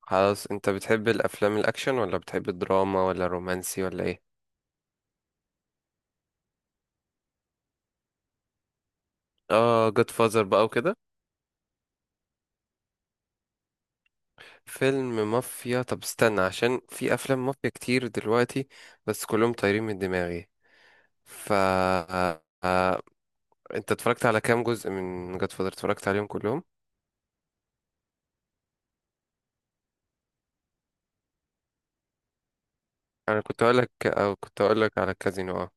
خلاص، انت بتحب الافلام الاكشن ولا بتحب الدراما ولا الرومانسي ولا ايه؟ اه، جود فازر بقى وكده. فيلم مافيا. طب استنى عشان في افلام مافيا كتير دلوقتي، بس كلهم طايرين من دماغي. ف آه، انت اتفرجت على كام جزء من جود فازر؟ اتفرجت عليهم كلهم؟ انا كنت اقول لك، او كنت اقول لك على كازينو. اه،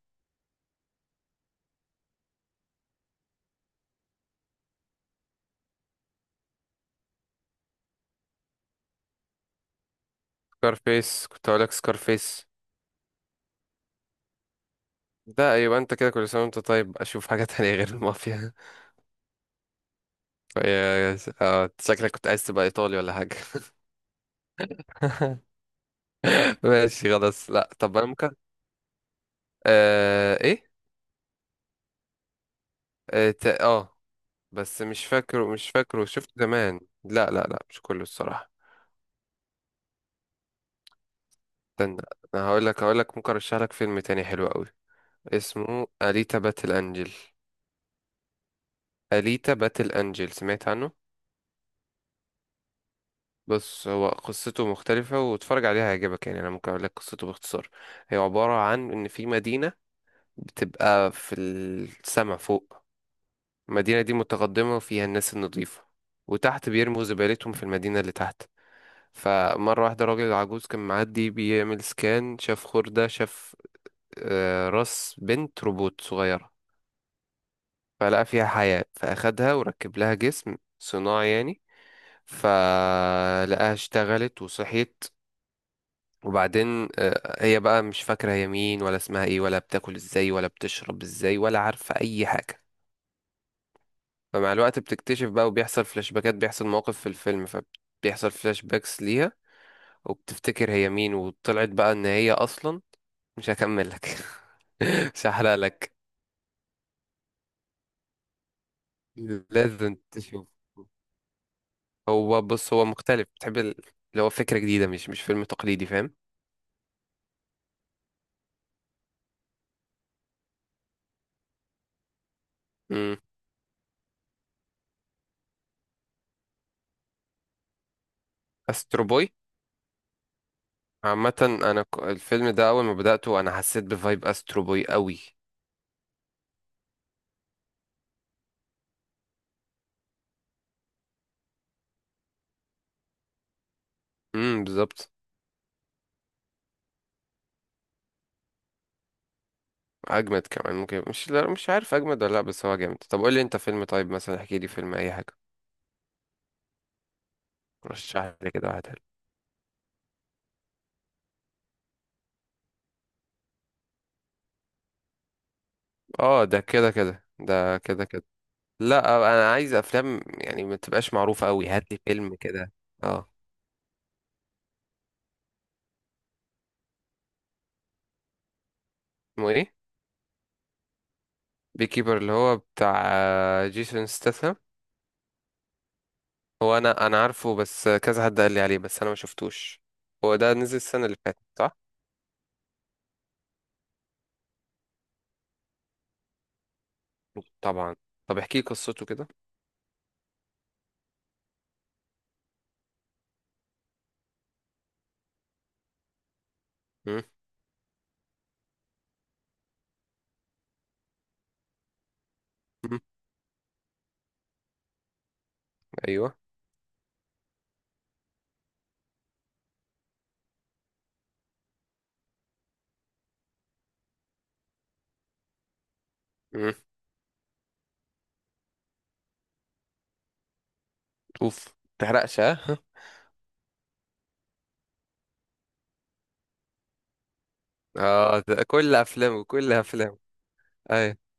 سكارفيس، كنت اقول لك سكارفيس. ده يبقى انت كده كل سنه وانت طيب، اشوف حاجه تانية غير المافيا. شكلك كنت عايز تبقى ايطالي ولا حاجه. ماشي خلاص، لا طب انا ممكن. آه، ايه؟ اه, تا- آه. بس مش فاكره شفت زمان، لا لا لا، مش كله الصراحة. استنى، انا هقول لك ممكن ارشح لك فيلم تاني حلو قوي. اسمه أليتا باتل انجل. أليتا باتل انجل، سمعت عنه؟ بص، هو قصته مختلفة، واتفرج عليها هيعجبك يعني. انا ممكن اقول لك قصته باختصار. هي عبارة عن ان في مدينة بتبقى في السما فوق. المدينة دي متقدمة وفيها الناس النظيفة، وتحت بيرموا زبالتهم في المدينة اللي تحت. فمرة واحدة راجل عجوز كان معدي بيعمل سكان، شاف خردة، شاف راس بنت روبوت صغيرة. فلقى فيها حياة، فأخدها وركب لها جسم صناعي يعني. فلقاها اشتغلت وصحيت. وبعدين هي بقى مش فاكرة هي مين ولا اسمها ايه ولا بتاكل ازاي ولا بتشرب ازاي ولا عارفة أي حاجة. فمع الوقت بتكتشف بقى، وبيحصل فلاش باكات، بيحصل مواقف في الفيلم فبيحصل فلاش باكس ليها، وبتفتكر هي مين. وطلعت بقى ان هي اصلا، مش هكمل لك. مش هحرق لك. لازم تشوف. هو بص، هو مختلف. اللي هو فكرة جديدة، مش فيلم تقليدي، فاهم؟ امم. استرو بوي. عامة الفيلم ده اول ما بدأته انا حسيت بفايب استرو بوي قوي. امم، بالظبط. اجمد كمان ممكن، مش لا مش عارف اجمد ولا لا، بس هو جامد. طب قول لي انت فيلم طيب مثلا، احكي لي فيلم اي حاجة. رشح لي كده واحد حلو. اه، ده كده كده، ده كده كده. لا، انا عايز افلام يعني ما تبقاش معروفه قوي. هات لي فيلم كده. اه. اسمه ايه؟ بي كيبر، اللي هو بتاع جيسون ستاثام. هو انا عارفه، بس كذا حد قال لي عليه بس انا ما شفتوش. هو ده نزل السنه اللي فاتت صح؟ طبعا. طب احكي لي قصته كده. مم، مم، ايوه، مم، اوف متحرقش ها. اه، ده كل افلامه كل افلامه. ايوه.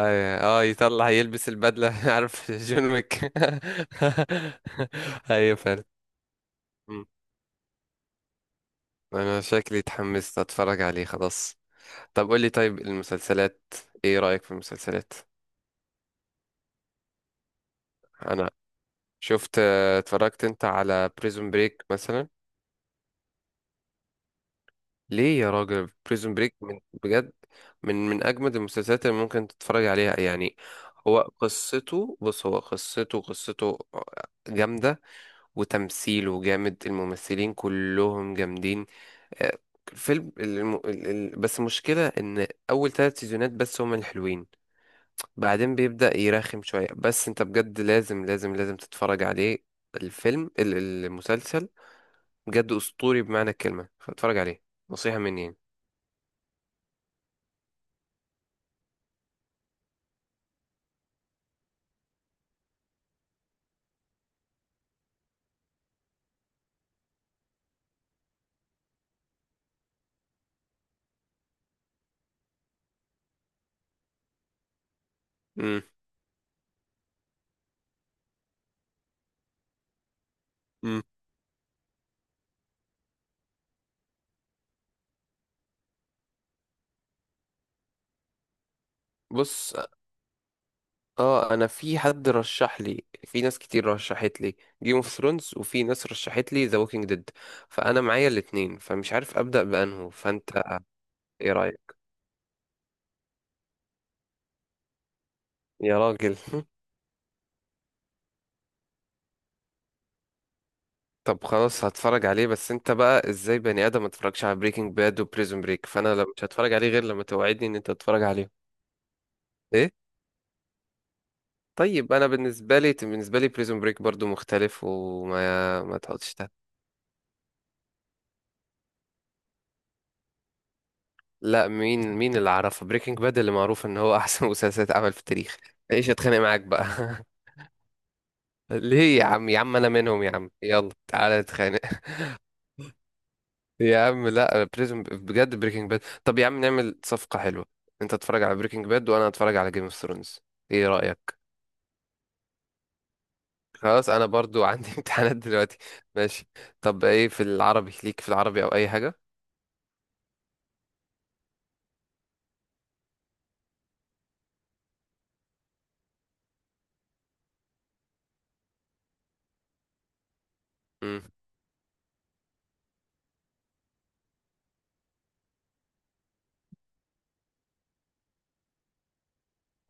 أي- اه يطلع يلبس البدلة، عارف جون ويك؟ ايوه فعلا. مم. انا شكلي اتحمست اتفرج عليه خلاص. طب قول لي، طيب المسلسلات، ايه رأيك في المسلسلات؟ انا شفت اتفرجت انت على بريزون بريك مثلا؟ ليه يا راجل؟ بريزون بريك من بجد من اجمد المسلسلات اللي ممكن تتفرج عليها يعني. هو قصته، بص هو قصته جامدة وتمثيله جامد، الممثلين كلهم جامدين. آه، الفيلم بس المشكلة إن أول ثلاث سيزونات بس هم الحلوين. بعدين بيبدأ يرخم شوية، بس أنت بجد لازم لازم لازم تتفرج عليه. الفيلم ال- المسلسل بجد أسطوري بمعنى الكلمة، فاتفرج عليه. نصيحة مني يعني. مم. مم. بص، اه انا في حد رشح لي، في ناس كتير رشحت لي جيم اوف ثرونز، وفي ناس رشحت لي ذا ووكينج ديد، فانا معايا الاتنين فمش عارف ابدا بانه فانت ايه رايك؟ يا راجل. طب خلاص هتفرج عليه، بس انت بقى ازاي بني ادم ما اتفرجش على بريكنج باد وبريزون بريك؟ فانا لا مش هتفرج عليه غير لما توعدني ان انت تتفرج عليه. ايه؟ طيب انا بالنسبه لي، بالنسبه لي بريزون بريك برضو مختلف، وما ما تحطش. لا، مين اللي عرفه بريكنج باد اللي معروف ان هو احسن مسلسل اتعمل في التاريخ؟ ايش اتخانق معاك بقى. ليه يا عم يا عم؟ انا منهم يا عم، يلا تعالى نتخانق. يا عم لا، بريزون بجد، بريكنج باد. طب يا عم نعمل صفقة حلوة، انت اتفرج على بريكنج باد وانا اتفرج على جيم اوف ثرونز. ايه رأيك؟ خلاص، انا برضو عندي امتحانات دلوقتي. ماشي. طب ايه في العربي ليك، في العربي او اي حاجة؟ امم.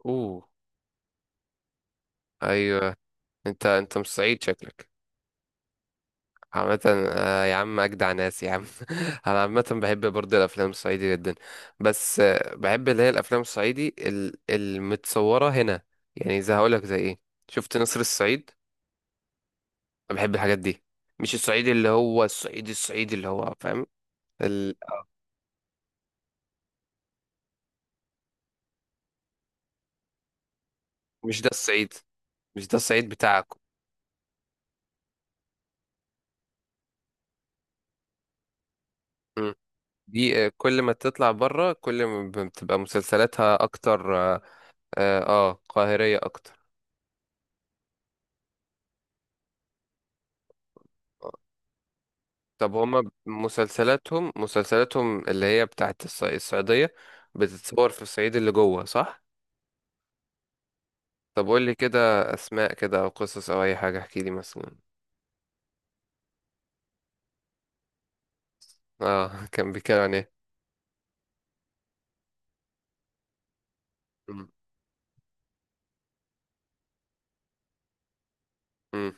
اوه. ايوه. انت مش سعيد شكلك. عامة يا عم أجدع ناس يا عم، أنا عامة بحب برضه الأفلام الصعيدي جدا. بس بحب اللي هي الأفلام الصعيدي المتصورة هنا يعني. زي هقولك زي إيه؟ شفت نصر الصعيد؟ أنا بحب الحاجات دي. مش الصعيدي اللي هو الصعيدي الصعيدي اللي هو، فاهم؟ ال... مش ده الصعيد، مش ده الصعيد بتاعكم. مم. دي كل ما تطلع بره كل ما بتبقى مسلسلاتها أكتر. آه، قاهرية أكتر. طب هما مسلسلاتهم اللي هي بتاعت الصعيدية بتتصور في الصعيد اللي جوه صح؟ طب قول لي كده، أسماء كده أو قصص أو أي حاجة، احكي لي مثلا. اه. كان بيتكلم عن ايه؟ مم. مم.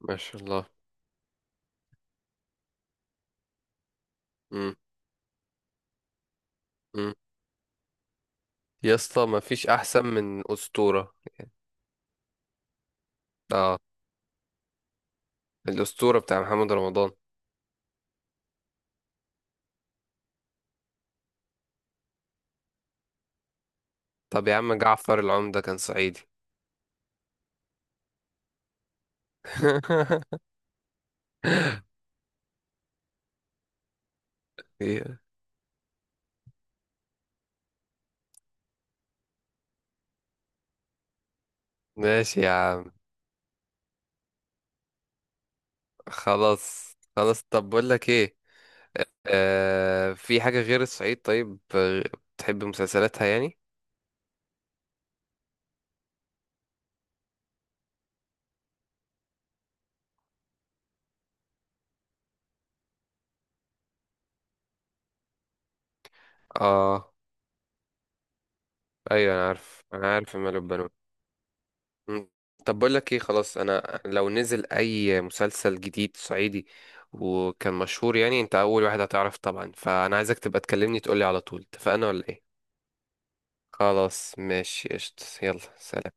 ما شاء الله. مم. مم. يا اسطى ما فيش أحسن من أسطورة. اه، الأسطورة بتاع محمد رمضان. طب يا عم، جعفر العمدة كان صعيدي؟ ماشي يا عم. خلاص خلاص. طب بقول لك ايه، آه في حاجة غير الصعيد طيب، بتحب مسلسلاتها يعني؟ اه. ايوه، انا عارف مال البنون. مم. طب بقول لك ايه خلاص، انا لو نزل اي مسلسل جديد صعيدي وكان مشهور يعني انت اول واحد هتعرف طبعا، فانا عايزك تبقى تكلمني تقولي على طول. اتفقنا ولا ايه؟ خلاص ماشي، قشطة يلا سلام.